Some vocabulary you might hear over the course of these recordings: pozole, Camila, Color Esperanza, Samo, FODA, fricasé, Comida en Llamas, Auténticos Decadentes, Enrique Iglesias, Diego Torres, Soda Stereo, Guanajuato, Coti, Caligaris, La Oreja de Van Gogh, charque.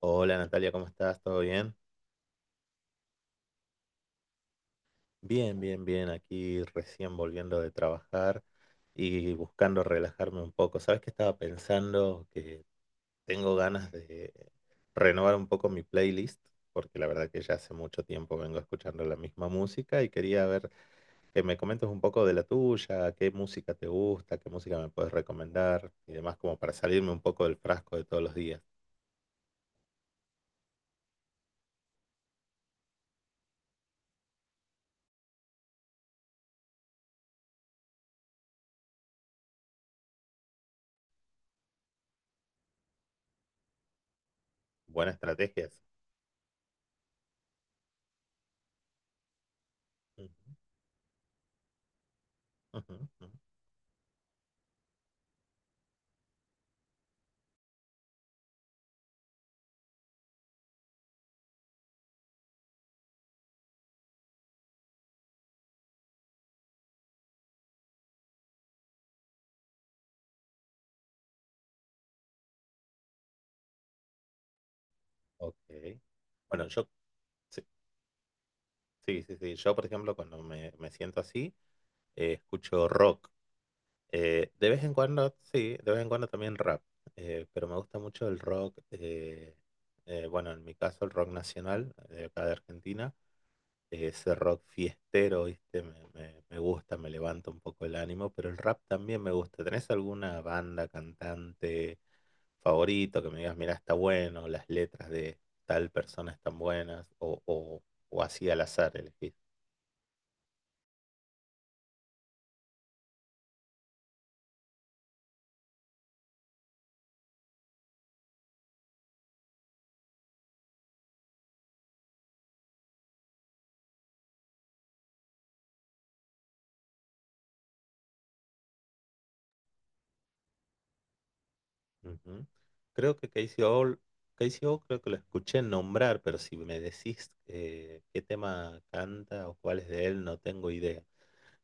Hola Natalia, ¿cómo estás? ¿Todo bien? Bien, bien, bien. Aquí recién volviendo de trabajar y buscando relajarme un poco. ¿Sabes qué estaba pensando? Que tengo ganas de renovar un poco mi playlist, porque la verdad que ya hace mucho tiempo vengo escuchando la misma música y quería ver que me comentes un poco de la tuya, qué música te gusta, qué música me puedes recomendar y demás, como para salirme un poco del frasco de todos los días. Buena estrategia esa. Mm, ujú, ujú. Ok. Bueno, yo sí, sí, sí. Yo, por ejemplo, cuando me siento así, escucho rock. De vez en cuando, sí, de vez en cuando también rap. Pero me gusta mucho el rock, bueno, en mi caso el rock nacional, de acá de Argentina. Ese rock fiestero, ¿viste? Me gusta, me levanta un poco el ánimo, pero el rap también me gusta. ¿Tenés alguna banda, cantante favorito que me digas, mira, está bueno, las letras de tal persona están buenas, o así al azar elegís? Ujú. Creo que Casey All, Casey All creo que lo escuché nombrar, pero si me decís qué tema canta o cuál es de él, no tengo idea.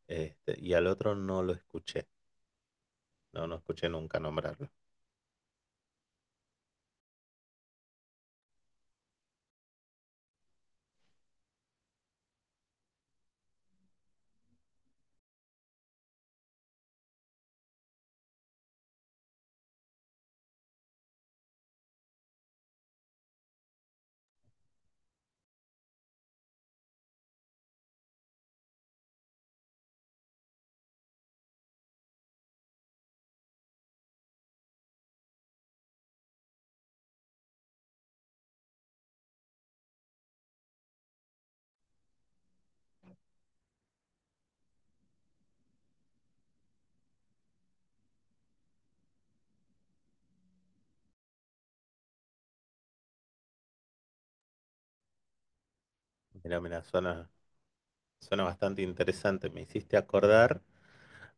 Este, y al otro no lo escuché, no escuché nunca nombrarlo. Mira, mira, suena, suena bastante interesante. Me hiciste acordar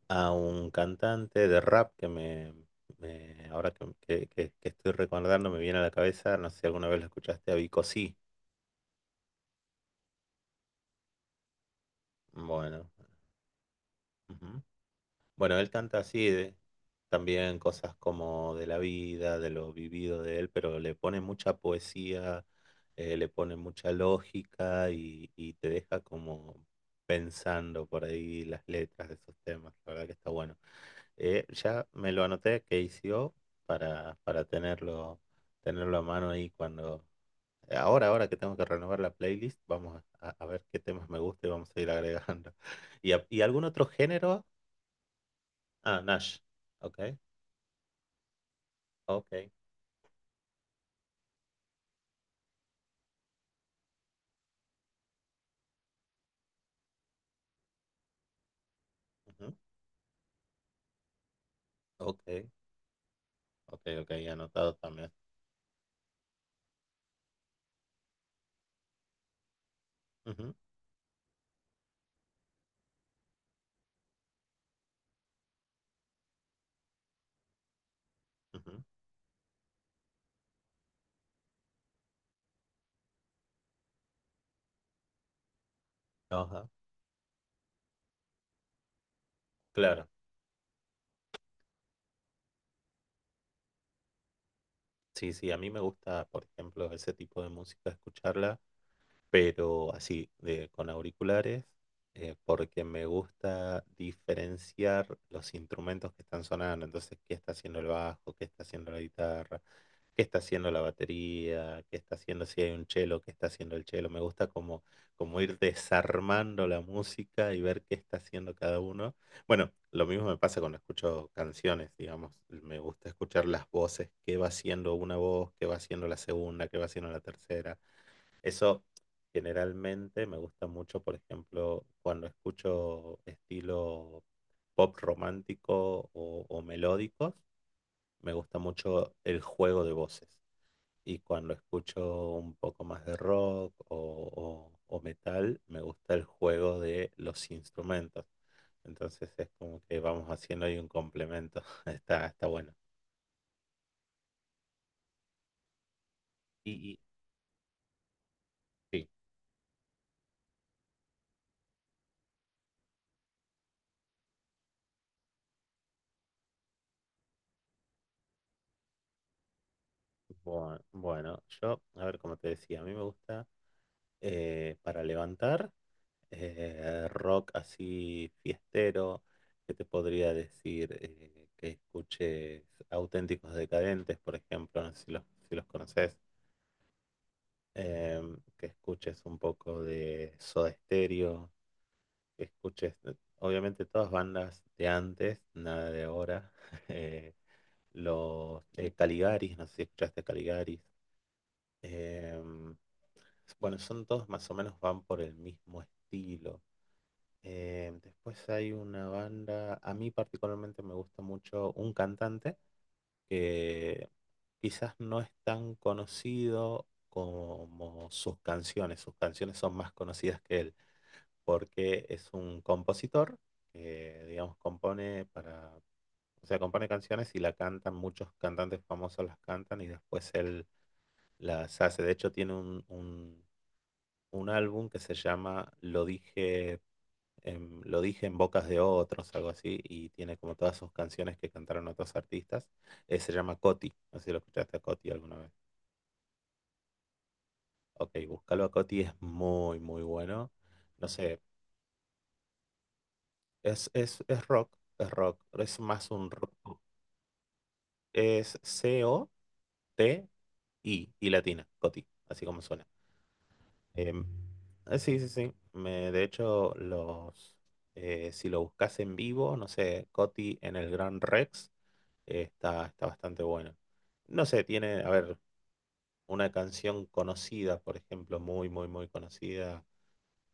a un cantante de rap ahora que estoy recordando me viene a la cabeza, no sé si alguna vez lo escuchaste, a Vico Sí. Bueno, ujú. Bueno, él canta así, de- también cosas como de la vida, de lo vivido de él, pero le pone mucha poesía, le pone mucha lógica y te deja como pensando por ahí las letras de esos temas. La verdad que está bueno. Ya me lo anoté que hizo para tenerlo, tenerlo a mano ahí cuando... ahora que tengo que renovar la playlist, vamos a ver qué temas me gusta y vamos a ir agregando. ¿Y, y algún otro género? Ah, Nash. Ok, ok. Ujú, ok, ok, ok, anotado también. Ujú, ujú, ajá, claro. Sí, sí, a mí me gusta, por ejemplo, ese tipo de música, escucharla, pero así, de, con auriculares, porque me gusta diferenciar los instrumentos que están sonando. Entonces, qué está haciendo el bajo, qué está haciendo la guitarra, qué está haciendo la batería, qué está haciendo si hay un chelo, qué está haciendo el chelo. Me gusta como, como ir desarmando la música y ver qué está haciendo cada uno. Bueno, lo mismo me pasa cuando escucho canciones, digamos. Me gusta escuchar las voces, qué va haciendo una voz, qué va haciendo la segunda, qué va haciendo la tercera. Eso generalmente me gusta mucho, por ejemplo, cuando escucho estilo pop romántico o melódicos, me gusta mucho el juego de voces y cuando escucho un poco más de rock o metal, me gusta el juego de los instrumentos. Entonces es como que vamos haciendo ahí un complemento. Está, está bueno. Y sí, bueno, bueno, yo, a ver, como te decía, a mí me gusta para levantar rock así fiestero. ¿Qué te podría decir? Que escuches Auténticos Decadentes, por ejemplo, no sé si si los conoces. Que escuches un poco de Soda Stereo, que escuches, obviamente todas bandas de antes, nada de ahora. eh, los Caligaris, no sé si escuchaste Caligaris. em, bueno, son todos más o menos van por el mismo estilo. Em, después hay una banda, a mí particularmente me gusta mucho un cantante que quizás no es tan conocido como sus canciones. Sus canciones son más conocidas que él, porque es un compositor que, digamos, compone para, o sea, compone canciones y la cantan, muchos cantantes famosos las cantan y después él las hace. De hecho, tiene un álbum que se llama Lo dije, lo dije en bocas de otros, algo así, y tiene como todas sus canciones que cantaron otros artistas. Se llama Coti, no sé si lo escuchaste a Coti alguna vez. Ok, búscalo a Coti, es muy, muy bueno. No sé, es rock, es rock, es más un rock. Es C-O-T-I y latina, Coti, así como suena. Em, sí, sí, sí. Me, de hecho, si lo buscas en vivo, no sé, Coti en el Gran Rex. Está, está bastante bueno. No sé, tiene, a ver, una canción conocida, por ejemplo, muy, muy, muy conocida,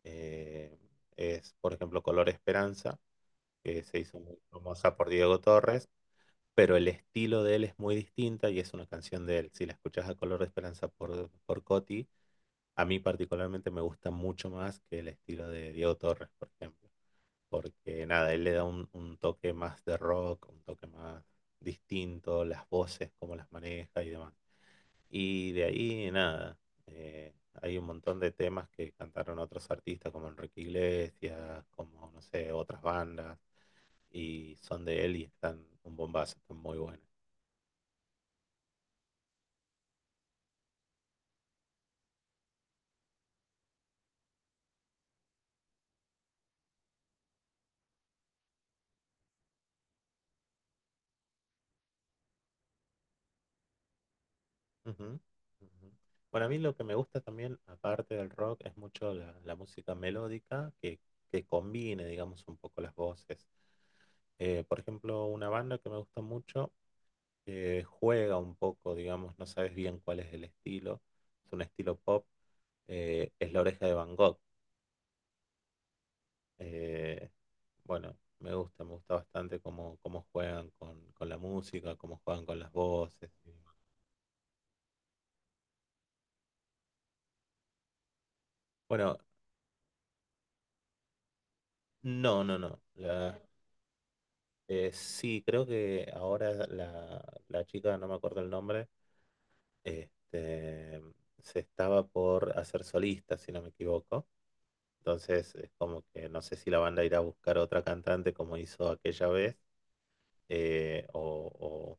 eh, es, por ejemplo, Color Esperanza, que se hizo muy famosa por Diego Torres, pero el estilo de él es muy distinta y es una canción de él. Si la escuchás a Color Esperanza por Coti, a mí particularmente me gusta mucho más que el estilo de Diego Torres, por ejemplo, porque nada, él le da un toque más de rock, un toque más distinto, las voces, cómo las maneja y demás. Y de ahí, nada, eh, hay un montón de temas que cantaron otros artistas como Enrique Iglesias, como, no sé, otras bandas, y son de él y están un bombazo, están muy buenas. Ujú, ujú. Bueno, a mí lo que me gusta también, aparte del rock, es mucho la música melódica que combine, digamos, un poco las voces. Por ejemplo, una banda que me gusta mucho, que juega un poco, digamos, no sabes bien cuál es el estilo, es un estilo pop, es La Oreja de Van Gogh. Eh, bueno, me gusta bastante cómo, cómo juegan con la música, cómo juegan con las voces. Bueno, no, no, no. La, eh, sí, creo que ahora la chica, no me acuerdo el nombre, este, se estaba por hacer solista, si no me equivoco. Entonces es como que no sé si la banda irá a buscar otra cantante como hizo aquella vez, eh, o, o-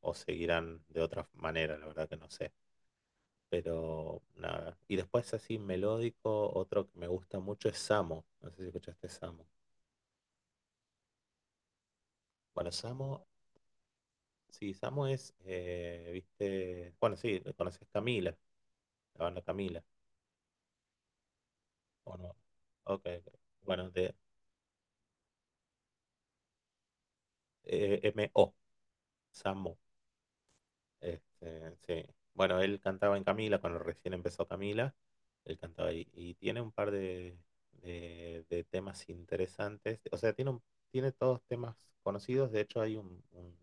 o seguirán de otra manera, la verdad que no sé. Pero nada. Y después así melódico, otro que me gusta mucho es Samo. No sé si escuchaste Samo. Bueno, Samo, sí, Samu es, viste, bueno, sí, conoces Camila, la banda Camila, ¿o no? Ok, ok. Bueno, de M O, Samu, este, sí. Bueno, él cantaba en Camila, cuando recién empezó Camila, él cantaba ahí, y tiene un par de temas interesantes, o sea, tiene todos temas conocidos, de hecho hay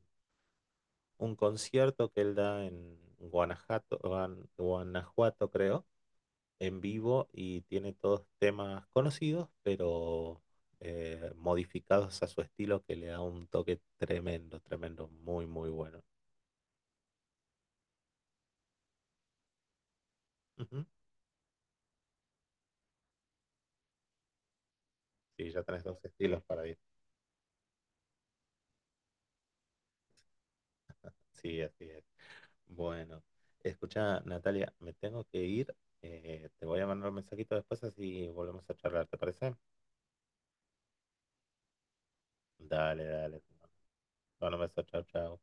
un concierto que él da en Guanajuato, Guanajuato, creo, en vivo y tiene todos temas conocidos, pero modificados a su estilo que le da un toque tremendo, tremendo, muy, muy bueno. Ujú. Sí, ya tenés dos estilos para ir. Sí, así es. Bueno, escucha, Natalia, me tengo que ir. Te voy a mandar un mensajito después así volvemos a charlar, te parece, dale, dale, bueno, un beso, chao, chao.